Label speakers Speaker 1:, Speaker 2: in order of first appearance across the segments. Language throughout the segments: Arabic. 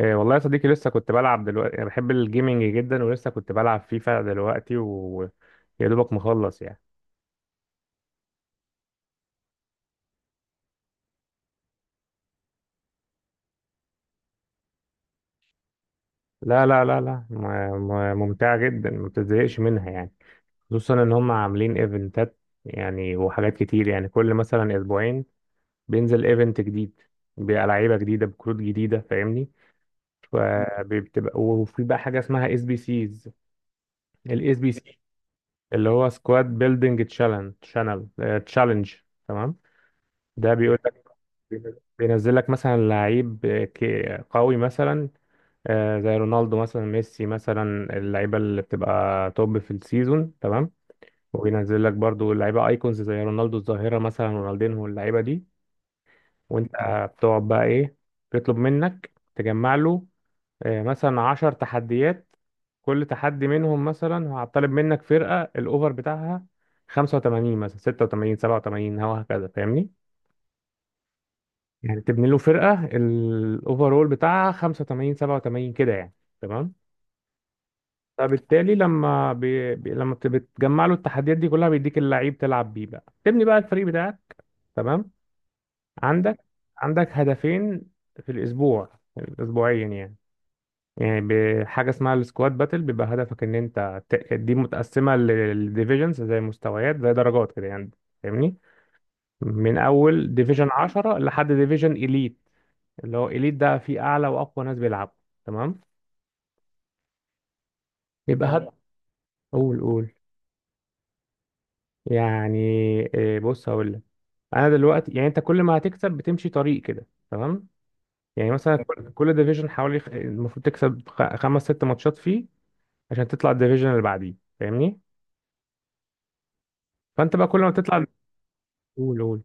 Speaker 1: إيه والله يا صديقي، لسه كنت بلعب دلوقتي. انا بحب الجيمنج جدا، ولسه كنت بلعب فيفا دلوقتي ويا دوبك مخلص يعني. لا لا لا لا، ممتعة جدا، ما بتزهقش منها يعني. خصوصا ان هم عاملين ايفنتات يعني، وحاجات كتير يعني. كل مثلا اسبوعين بينزل ايفنت جديد، بلعيبة جديدة بكروت جديده، فاهمني؟ فبتبقى، وفي بقى حاجة اسمها اس بي سيز. الاس بي سي اللي هو سكواد بيلدينج تشالنج، تشالنج، تمام؟ ده بيقول لك بينزل لك مثلا لعيب قوي مثلا، زي رونالدو مثلا، ميسي مثلا، اللعيبه اللي بتبقى توب في السيزون، تمام؟ وبينزل لك برضو لعيبه ايكونز زي رونالدو الظاهره مثلا، رونالدينهو، اللعيبه دي. وانت بتقعد بقى ايه؟ بيطلب منك تجمع له مثلا 10 تحديات. كل تحدي منهم مثلا هطالب منك فرقه الاوفر بتاعها 85، مثلا 86، 87، وهكذا، فاهمني؟ يعني تبني له فرقة الأوفرول بتاعها 85، 87، كده يعني، تمام. فبالتالي لما بتجمع له التحديات دي كلها، بيديك اللعيب تلعب بيه بقى، تبني بقى الفريق بتاعك، تمام. عندك عندك هدفين في الأسبوع، أسبوعيا يعني. يعني بحاجة اسمها السكواد باتل، بيبقى هدفك إن أنت دي متقسمة للديفيجنز، زي مستويات زي درجات كده يعني، فاهمني؟ من أول ديفيجن 10 لحد ديفيجن إليت، اللي هو إليت ده فيه أعلى وأقوى ناس بيلعبوا، تمام؟ يبقى هات، تمام، قول قول. يعني بص هقول لك. أنا دلوقتي يعني، أنت كل ما هتكسب بتمشي طريق كده، تمام. يعني مثلا كل كل ديفيجن حوالي المفروض تكسب خمس ست ماتشات فيه، عشان تطلع الديفيجن اللي بعديه، فاهمني؟ فأنت بقى كل ما تطلع، تمام، قول قول.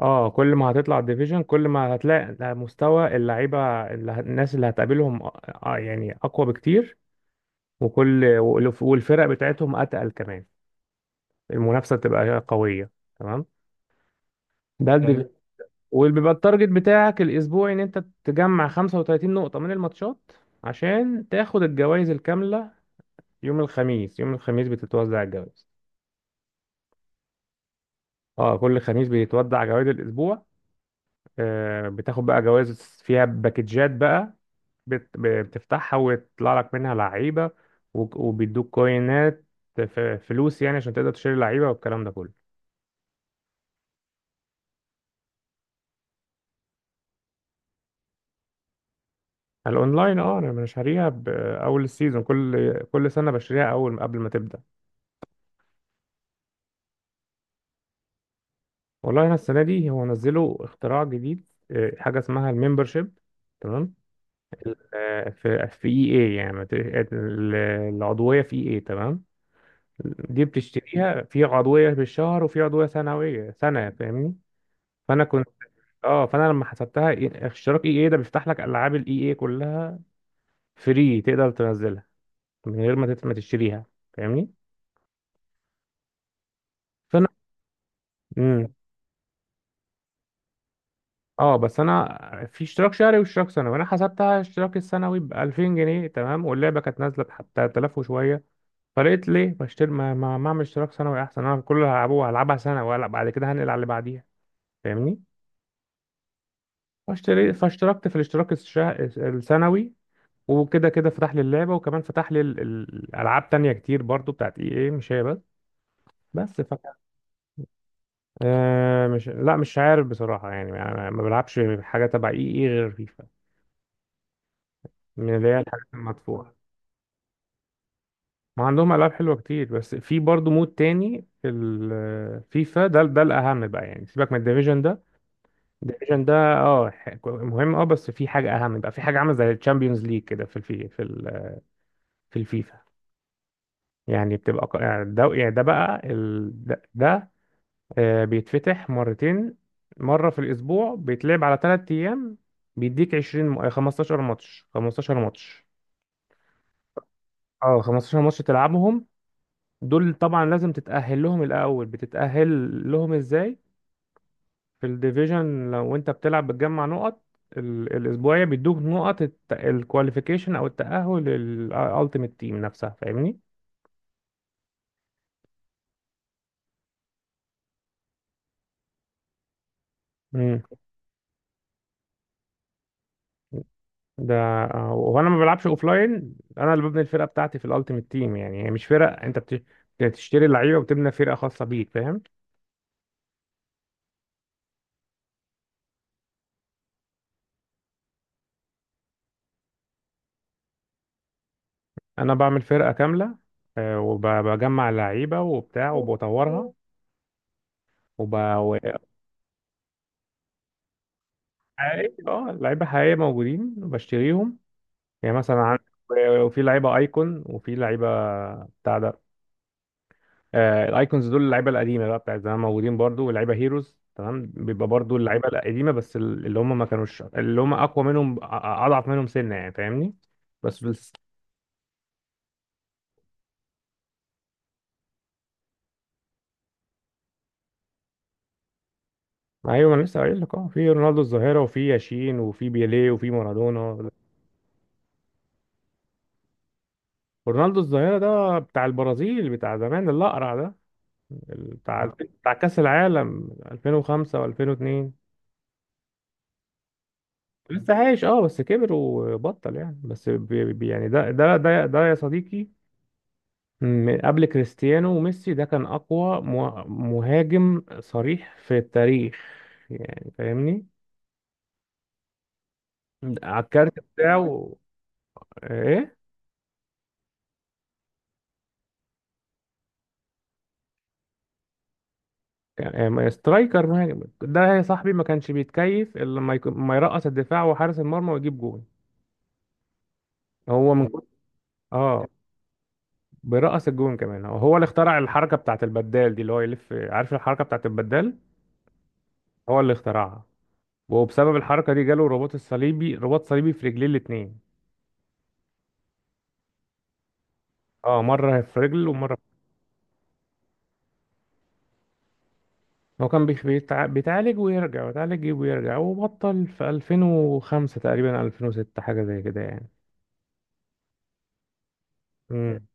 Speaker 1: اه، كل ما هتطلع الديفيجن كل ما هتلاقي مستوى اللعيبه الناس اللي هتقابلهم يعني اقوى بكتير. وكل والفرق بتاعتهم اتقل كمان، المنافسه بتبقى قويه، تمام ده، تمام الديفيجن، تمام. وبيبقى التارجت بتاعك الاسبوعي ان انت تجمع 35 نقطه من الماتشات، عشان تاخد الجوائز الكامله يوم الخميس. يوم الخميس بتتوزع الجوائز. اه، كل خميس بيتوزع جوائز الاسبوع. بتاخد بقى جوائز فيها باكجات بقى، بتفتحها ويطلع لك منها لعيبه، وبيدوك كوينات، فلوس يعني، عشان تقدر تشتري لعيبه والكلام ده كله. الاونلاين، اه، انا بشتريها باول السيزون، كل كل سنه بشتريها اول قبل ما تبدا. والله انا السنه دي هو نزلوا اختراع جديد، حاجه اسمها الممبرشيب، تمام. في اي اي يعني ال- العضويه في اي اي، تمام. دي بتشتريها في عضويه بالشهر، وفي عضويه سنويه سنه، فاهمني؟ فانا كنت، اه، فانا لما حسبتها، اشتراك اي اي ده بيفتح لك العاب الاي اي كلها فري، تقدر تنزلها من غير ما تشتريها، فاهمني؟ فانا، مم. اه، بس انا في اشتراك شهري واشتراك سنوي، انا حسبتها اشتراك السنوي ب 2000 جنيه، تمام، واللعبه كانت نازله حتى 3000 وشويه. فلقيت ليه بشتري، ما اعمل اشتراك سنوي احسن؟ انا كل اللي هلعبه هلعبها سنه، ولا بعد كده هنقل على اللي بعديها، فاهمني؟ فاشتركت في الاشتراك السنوي. وكده كده فتح لي اللعبه، وكمان فتح لي الالعاب تانية كتير برضو بتاعت اي اي، مش هي بس. بس ف... مش، لا مش عارف بصراحه يعني، ما بلعبش حاجه تبع اي اي غير فيفا، من اللي هي الحاجات المدفوعه. ما عندهم العاب حلوه كتير، بس في برضه مود تاني في الفيفا، ده الاهم بقى يعني، سيبك من الديفيجن ده. الديفيجن ده، اه، مهم، اه، بس في حاجه اهم بقى، في حاجه عامله زي الشامبيونز ليج كده في الفيفا. يعني بتبقى يعني ده، يعني ده بقى ده. بيتفتح مرتين، مره في الاسبوع، بيتلعب على ثلاث ايام. بيديك 20 15 ماتش، 15 ماتش، اه 15 ماتش تلعبهم. دول طبعا لازم تتأهل لهم الأول. بتتأهل لهم إزاي؟ في الديفيجن، لو أنت بتلعب بتجمع نقط، الأسبوعية بيدوك نقط الكواليفيكيشن، أو التأهل للألتيميت تيم نفسها، فاهمني؟ امم. ده، وأنا ما بلعبش أوفلاين، أنا اللي ببني الفرقة بتاعتي في الألتيميت تيم، يعني هي مش فرق. أنت بتشتري اللعيبة وبتبني فرقة خاصة بيك، فاهم؟ أنا بعمل فرقة كاملة، وبجمع اللعيبة وبتاع وبطورها. حقيقي، اه، لعيبه حقيقيه موجودين بشتريهم. يعني مثلا عندك، وفي لعيبه ايكون، وفي لعيبه بتاع ده. الايكونز دول اللعيبه القديمه بقى، بتاع زمان، موجودين برضو. واللعيبه هيروز، تمام، بيبقى برضو اللعيبه القديمه، بس اللي هم ما كانوش اللي هم اقوى منهم، اضعف منهم سنه يعني، فاهمني؟ بس. ايوه، ما انا لسه قايل لك، اه، في رونالدو الظاهره، وفي ياشين، وفي بيليه، وفي مارادونا. رونالدو الظاهره ده بتاع البرازيل، بتاع زمان، الاقرع ده، بتاع كأس العالم 2005 و2002. لسه عايش، اه، بس كبر وبطل يعني. بس يعني ده يا صديقي، من قبل كريستيانو وميسي، ده كان أقوى مهاجم صريح في التاريخ، يعني فاهمني، على الكارت بتاعه. ايه، سترايكر، مهاجم ده يا صاحبي، ما كانش بيتكيف إلا لما ما يرقص الدفاع وحارس المرمى ويجيب جون. هو من كتر- اه، بيرقص الجون كمان. هو هو اللي اخترع الحركة بتاعت البدال دي، اللي هو يلف، عارف الحركة بتاعت البدال؟ هو اللي اخترعها. وبسبب الحركة دي جاله رباط الصليبي، رباط صليبي في رجليه الاتنين. اه، مرة في رجل ومرة. هو كان بيتعالج ويرجع، بيتعالج ويرجع، وبطل في 2005 تقريبا، 2006، حاجة زي كده يعني. امم.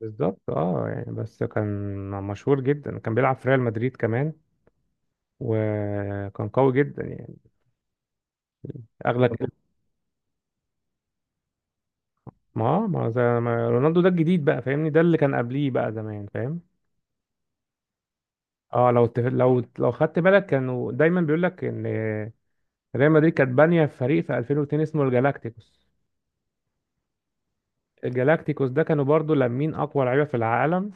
Speaker 1: بالظبط، اه، يعني بس كان مشهور جدا، كان بيلعب في ريال مدريد كمان، وكان قوي جدا يعني، اغلى ما زي ما رونالدو ده الجديد بقى، فاهمني؟ ده اللي كان قبليه بقى، زمان، فاهم؟ اه، لو تف... لو لو خدت بالك كانوا دايما بيقول لك ان ريال مدريد كانت بانية فريق في 2002 اسمه الجالاكتيكوس. الجالاكتيكوس ده كانوا برضو لامين أقوى لعيبة في العالم.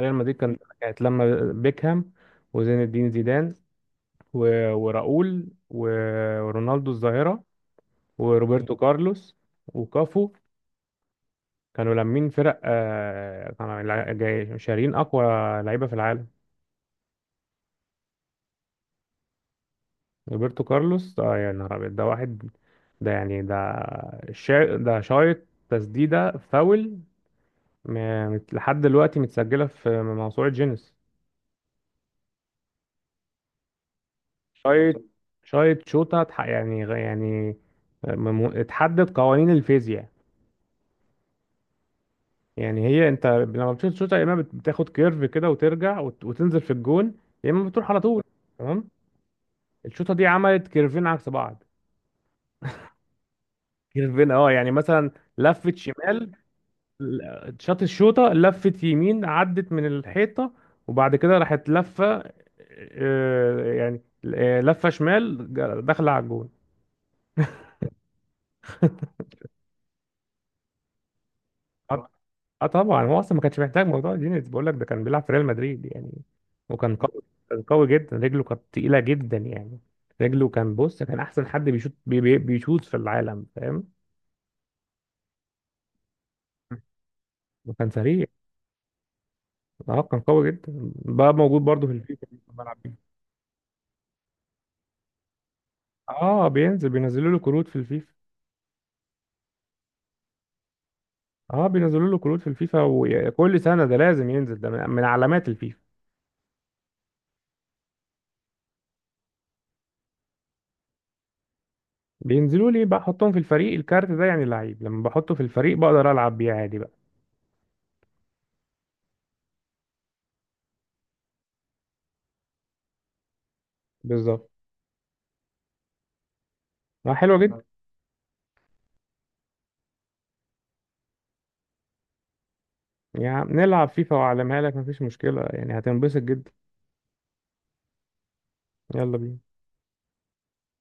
Speaker 1: ريال مدريد كانت لما بيكهام، وزين الدين زيدان، وراؤول، ورونالدو الظاهرة، وروبرتو كارلوس، وكافو. كانوا لامين فرق، كانوا شارين أقوى لعيبة في العالم. روبرتو كارلوس، اه، يا نهار أبيض، ده واحد ده يعني ده شايط تسديدة فاول، لحد دلوقتي متسجلة في موسوعة جينيس. شايت شايت شوتا، اتحدد قوانين الفيزياء يعني. هي انت لما بتشوط شوطة، يا اما بتاخد كيرف كده وترجع وتنزل في الجون، يا اما بتروح على طول، تمام. الشوطة دي عملت كيرفين عكس بعض. كيرفين اه، يعني مثلا لفت شمال. شاط الشوطة لفت يمين، عدت من الحيطة، وبعد كده راحت لفة، اه، يعني، اه، لفة شمال داخلة على الجون. اه طبعا هو اصلا ما كانش محتاج موضوع جينيز، بقول لك ده كان بيلعب في ريال مدريد يعني، وكان قوي. كان قوي جدا، رجله كانت تقيله جدا يعني. رجله، كان بص، كان احسن حد بيشوط، بي بي بيشوط في العالم، فاهم؟ وكان سريع، اه، كان قوي جدا بقى، موجود برضه في الفيفا اللي كنا بنلعب بيه. اه، بينزلوا له كروت في الفيفا. اه، بينزلوا له كروت في الفيفا، وكل سنه ده لازم ينزل، ده من علامات الفيفا. بينزلوا لي بقى احطهم في الفريق. الكارت ده يعني لعيب، لما بحطه في الفريق بقدر العب بيه عادي بقى. بالظبط. اه، حلوه جدا. يا عم نلعب فيفا وأعلمها لك، مفيش مشكلة يعني، هتنبسط جدا. يلا بينا.